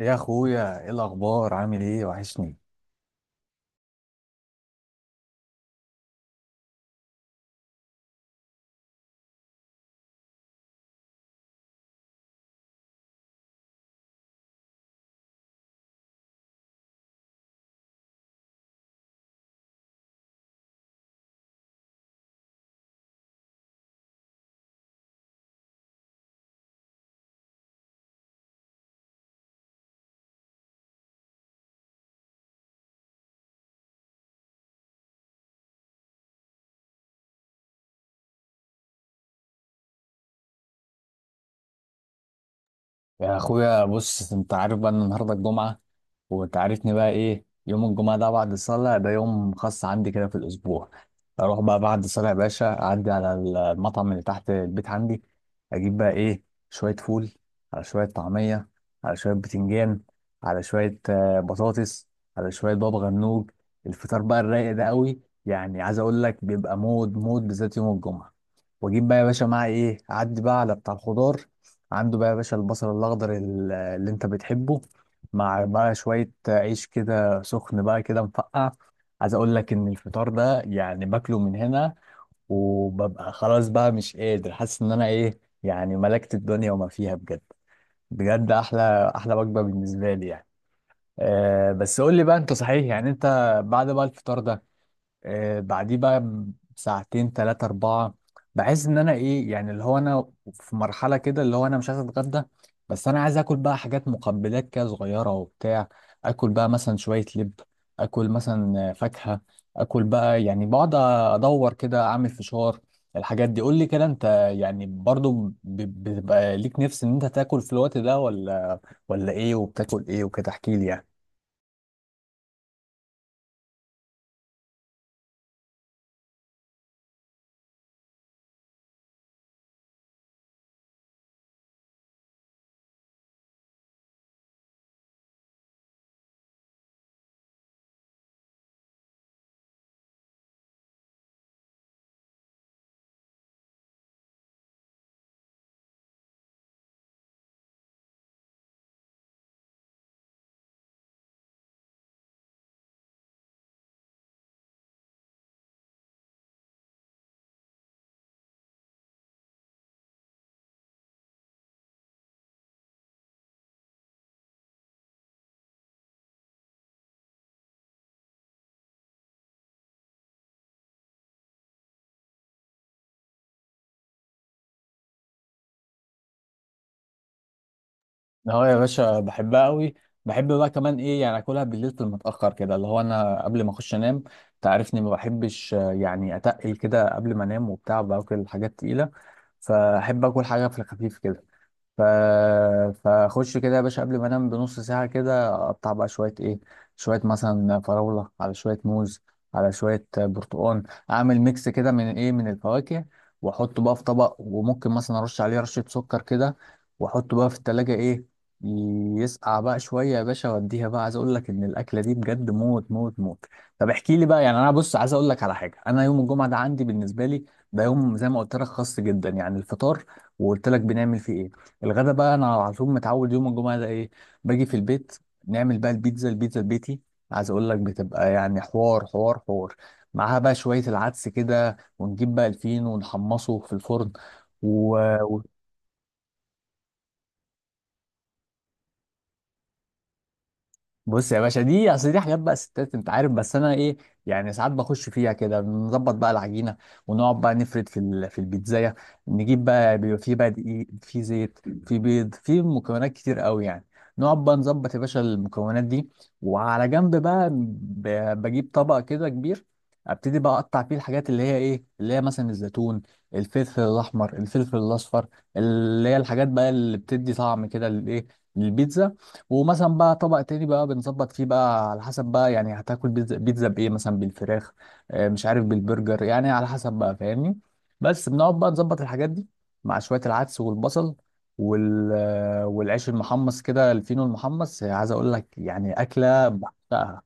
يا اخويا، ايه الاخبار؟ عامل ايه؟ وحشني. يا اخويا، بص، انت عارف بقى ان النهارده الجمعه. وانت عارفني بقى، ايه يوم الجمعه ده؟ بعد الصلاه ده يوم خاص عندي كده في الاسبوع. اروح بقى بعد الصلاه يا باشا، اعدي على المطعم اللي تحت البيت عندي، اجيب بقى ايه: شويه فول، على شويه طعميه، على شويه بتنجان، على شويه بطاطس، على شويه بابا غنوج. الفطار بقى الرايق ده قوي، يعني عايز اقول لك بيبقى مود مود بالذات يوم الجمعه. واجيب بقى يا باشا معاه ايه، اعدي بقى على بتاع الخضار، عنده بقى يا باشا البصل الاخضر اللي انت بتحبه، مع بقى شويه عيش كده سخن بقى كده مفقع. عايز اقول لك ان الفطار ده يعني باكله من هنا وببقى خلاص بقى مش قادر، حاسس ان انا ايه يعني، ملكت الدنيا وما فيها بجد. بجد احلى احلى وجبه بالنسبه لي يعني. أه، بس قول لي بقى انت، صحيح يعني انت بعد بقى الفطار ده بعديه بقى ساعتين 3 4، بحس إن أنا إيه يعني، اللي هو أنا في مرحلة كده اللي هو أنا مش عايز أتغدى. بس أنا عايز آكل بقى حاجات، مقبلات كده صغيرة وبتاع. آكل بقى مثلا شوية لب، آكل مثلا فاكهة، آكل بقى يعني بقعد أدور كده أعمل فشار. الحاجات دي قول لي كده أنت، يعني برضو بتبقى ليك نفس إن أنت تاكل في الوقت ده ولا، إيه؟ وبتاكل إيه وكده؟ احكي لي يعني. اه يا باشا، بحبها قوي. بحب بقى كمان ايه يعني اكلها بالليل في المتاخر كده، اللي هو انا قبل ما اخش انام. تعرفني ما بحبش يعني اتقل كده قبل ما انام وبتاع، باكل حاجات تقيله، فاحب اكل حاجه في الخفيف كده، ف... فاخش كده يا باشا قبل ما انام بنص ساعه كده، اقطع بقى شويه ايه: شويه مثلا فراوله، على شويه موز، على شويه برتقال، اعمل ميكس كده من ايه، من الفواكه. واحطه بقى في طبق، وممكن مثلا ارش عليه رشه سكر كده، واحطه بقى في التلاجة ايه يسقع بقى شويه يا باشا واديها بقى. عايز اقول لك ان الاكله دي بجد موت موت موت. طب احكي لي بقى يعني، انا بص عايز اقول لك على حاجه، انا يوم الجمعه ده عندي بالنسبه لي ده يوم زي ما قلت لك خاص جدا. يعني الفطار، وقلت لك بنعمل فيه ايه. الغدا بقى انا على طول متعود يوم الجمعه ده ايه: باجي في البيت، نعمل بقى البيتزا البيتي. عايز اقول لك بتبقى يعني حوار حوار حوار، معاها بقى شويه العدس كده ونجيب بقى الفين ونحمصه في الفرن و... بص يا باشا، دي اصل دي حاجات بقى ستات انت عارف، بس انا ايه يعني ساعات بخش فيها كده نظبط بقى العجينه، ونقعد بقى نفرد في في البيتزايه. نجيب بقى، بيبقى في بقى دقيق، في زيت، في بيض، في مكونات كتير قوي يعني. نقعد بقى نظبط يا باشا المكونات دي، وعلى جنب بقى بجيب طبق كده كبير، ابتدي بقى اقطع فيه الحاجات اللي هي ايه، اللي هي مثلا الزيتون، الفلفل الاحمر، الفلفل الاصفر، اللي هي الحاجات بقى اللي بتدي طعم كده للايه، للبيتزا. ومثلا بقى طبق تاني بقى بنظبط فيه بقى على حسب بقى يعني هتاكل بيتزا، بيتزا بايه، مثلا بالفراخ، مش عارف بالبرجر، يعني على حسب بقى فاهمني. بس بنقعد بقى نظبط الحاجات دي، مع شوية العدس والبصل والعيش المحمص كده، الفينو المحمص. عايز اقول لك يعني اكلة بحبها.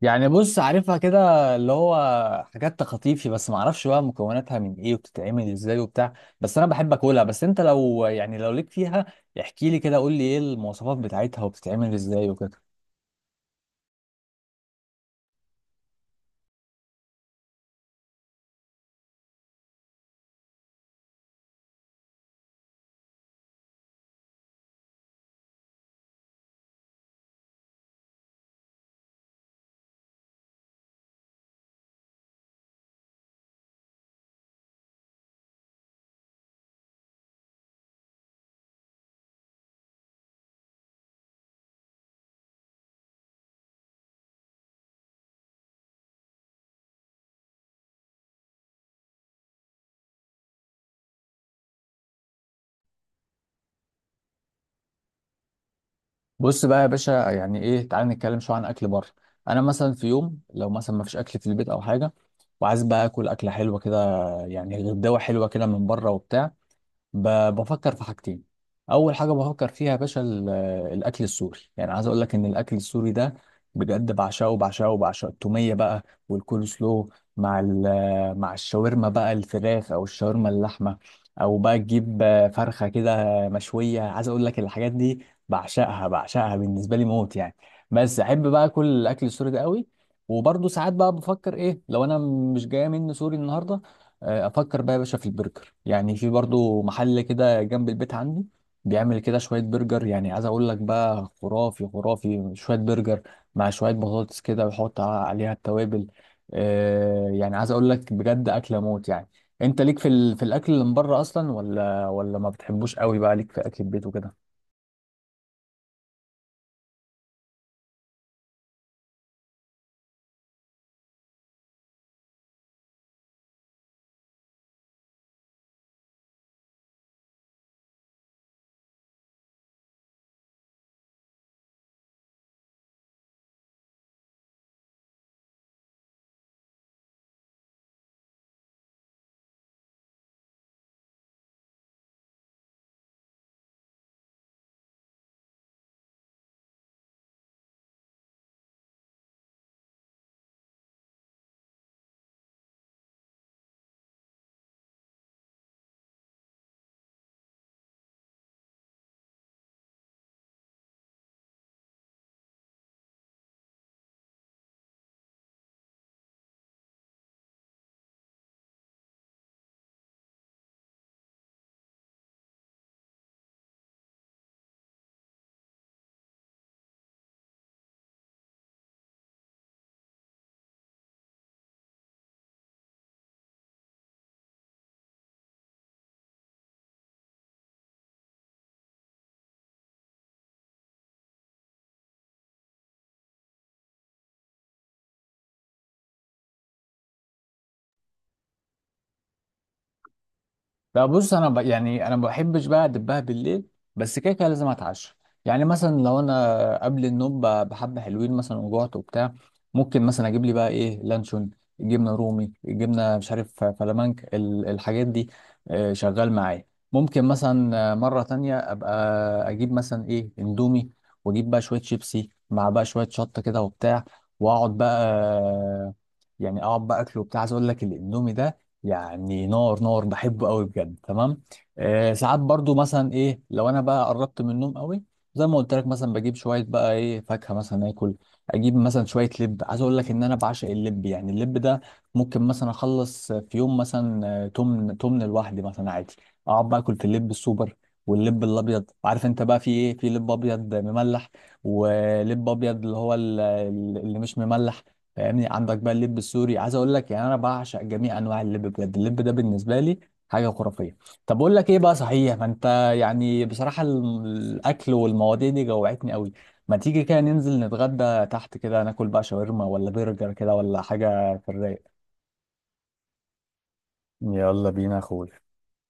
يعني بص عارفها كده، اللي هو حاجات تخطيفي، بس ما اعرفش بقى مكوناتها من ايه وبتتعمل ازاي وبتاع. بس انا بحب اكلها، بس انت لو يعني لو ليك فيها احكي لي كده، قول لي ايه المواصفات بتاعتها وبتتعمل ازاي وكده. بص بقى يا باشا، يعني ايه، تعال نتكلم شويه عن اكل بره. انا مثلا في يوم لو مثلا ما فيش اكل في البيت او حاجه وعايز بقى اكل اكله حلوه كده، يعني غداوه حلوه كده من بره وبتاع، بفكر في حاجتين. اول حاجه بفكر فيها يا باشا الاكل السوري، يعني عايز اقول لك ان الاكل السوري ده بجد بعشقه بعشقه بعشقه. التوميه بقى والكول سلو، مع مع الشاورما بقى، الفراخ او الشاورما اللحمه، او بقى تجيب فرخه كده مشويه. عايز اقول لك الحاجات دي بعشقها بعشقها بالنسبه لي موت يعني، بس احب بقى اكل الاكل السوري ده قوي. وبرضه ساعات بقى بفكر ايه، لو انا مش جايه مني سوري النهارده، افكر بقى يا باشا في البرجر، يعني في برضو محل كده جنب البيت عندي بيعمل كده شويه برجر، يعني عايز اقول لك بقى خرافي خرافي. شويه برجر مع شويه بطاطس كده ويحط عليها التوابل، يعني عايز اقول لك بجد اكله موت يعني. انت ليك في في الاكل اللي من بره اصلا، ولا ما بتحبوش قوي، بقى ليك في اكل البيت وكده؟ لا، بص انا يعني انا ما بحبش بقى ادبها بالليل، بس كده كده لازم اتعشى. يعني مثلا لو انا قبل النوم بحبه حلوين مثلا وجعت وبتاع، ممكن مثلا اجيب لي بقى ايه لانشون، جبنه رومي، جبنه مش عارف فلامنك، الحاجات دي شغال معايا. ممكن مثلا مره تانية ابقى اجيب مثلا ايه اندومي، واجيب بقى شويه شيبسي مع بقى شويه شطه كده وبتاع، واقعد بقى آه، يعني اقعد بقى اكله وبتاع. عايز اقول لك الاندومي ده يعني نار نار، بحبه قوي بجد، تمام. آه، ساعات برضو مثلا ايه لو انا بقى قربت من النوم قوي، زي ما قلت لك مثلا بجيب شويه بقى ايه فاكهه مثلا اكل، اجيب مثلا شويه لب. عايز اقول لك ان انا بعشق اللب، يعني اللب ده ممكن مثلا اخلص في يوم مثلا تمن تمن لوحدي مثلا عادي. اقعد بقى اكل في اللب السوبر واللب الابيض. عارف انت بقى في ايه: في لب ابيض مملح، ولب ابيض اللي هو اللي مش مملح، فاهمني، عندك بقى اللب السوري. عايز اقول لك يعني انا بعشق جميع انواع اللب، بجد اللب ده بالنسبه لي حاجه خرافيه. طب اقول لك ايه بقى، صحيح ما انت، يعني بصراحه الاكل والمواضيع دي جوعتني قوي. ما تيجي كده ننزل نتغدى تحت كده، ناكل بقى شاورما ولا برجر كده ولا حاجه في الرايق؟ يلا بينا يا اخوي.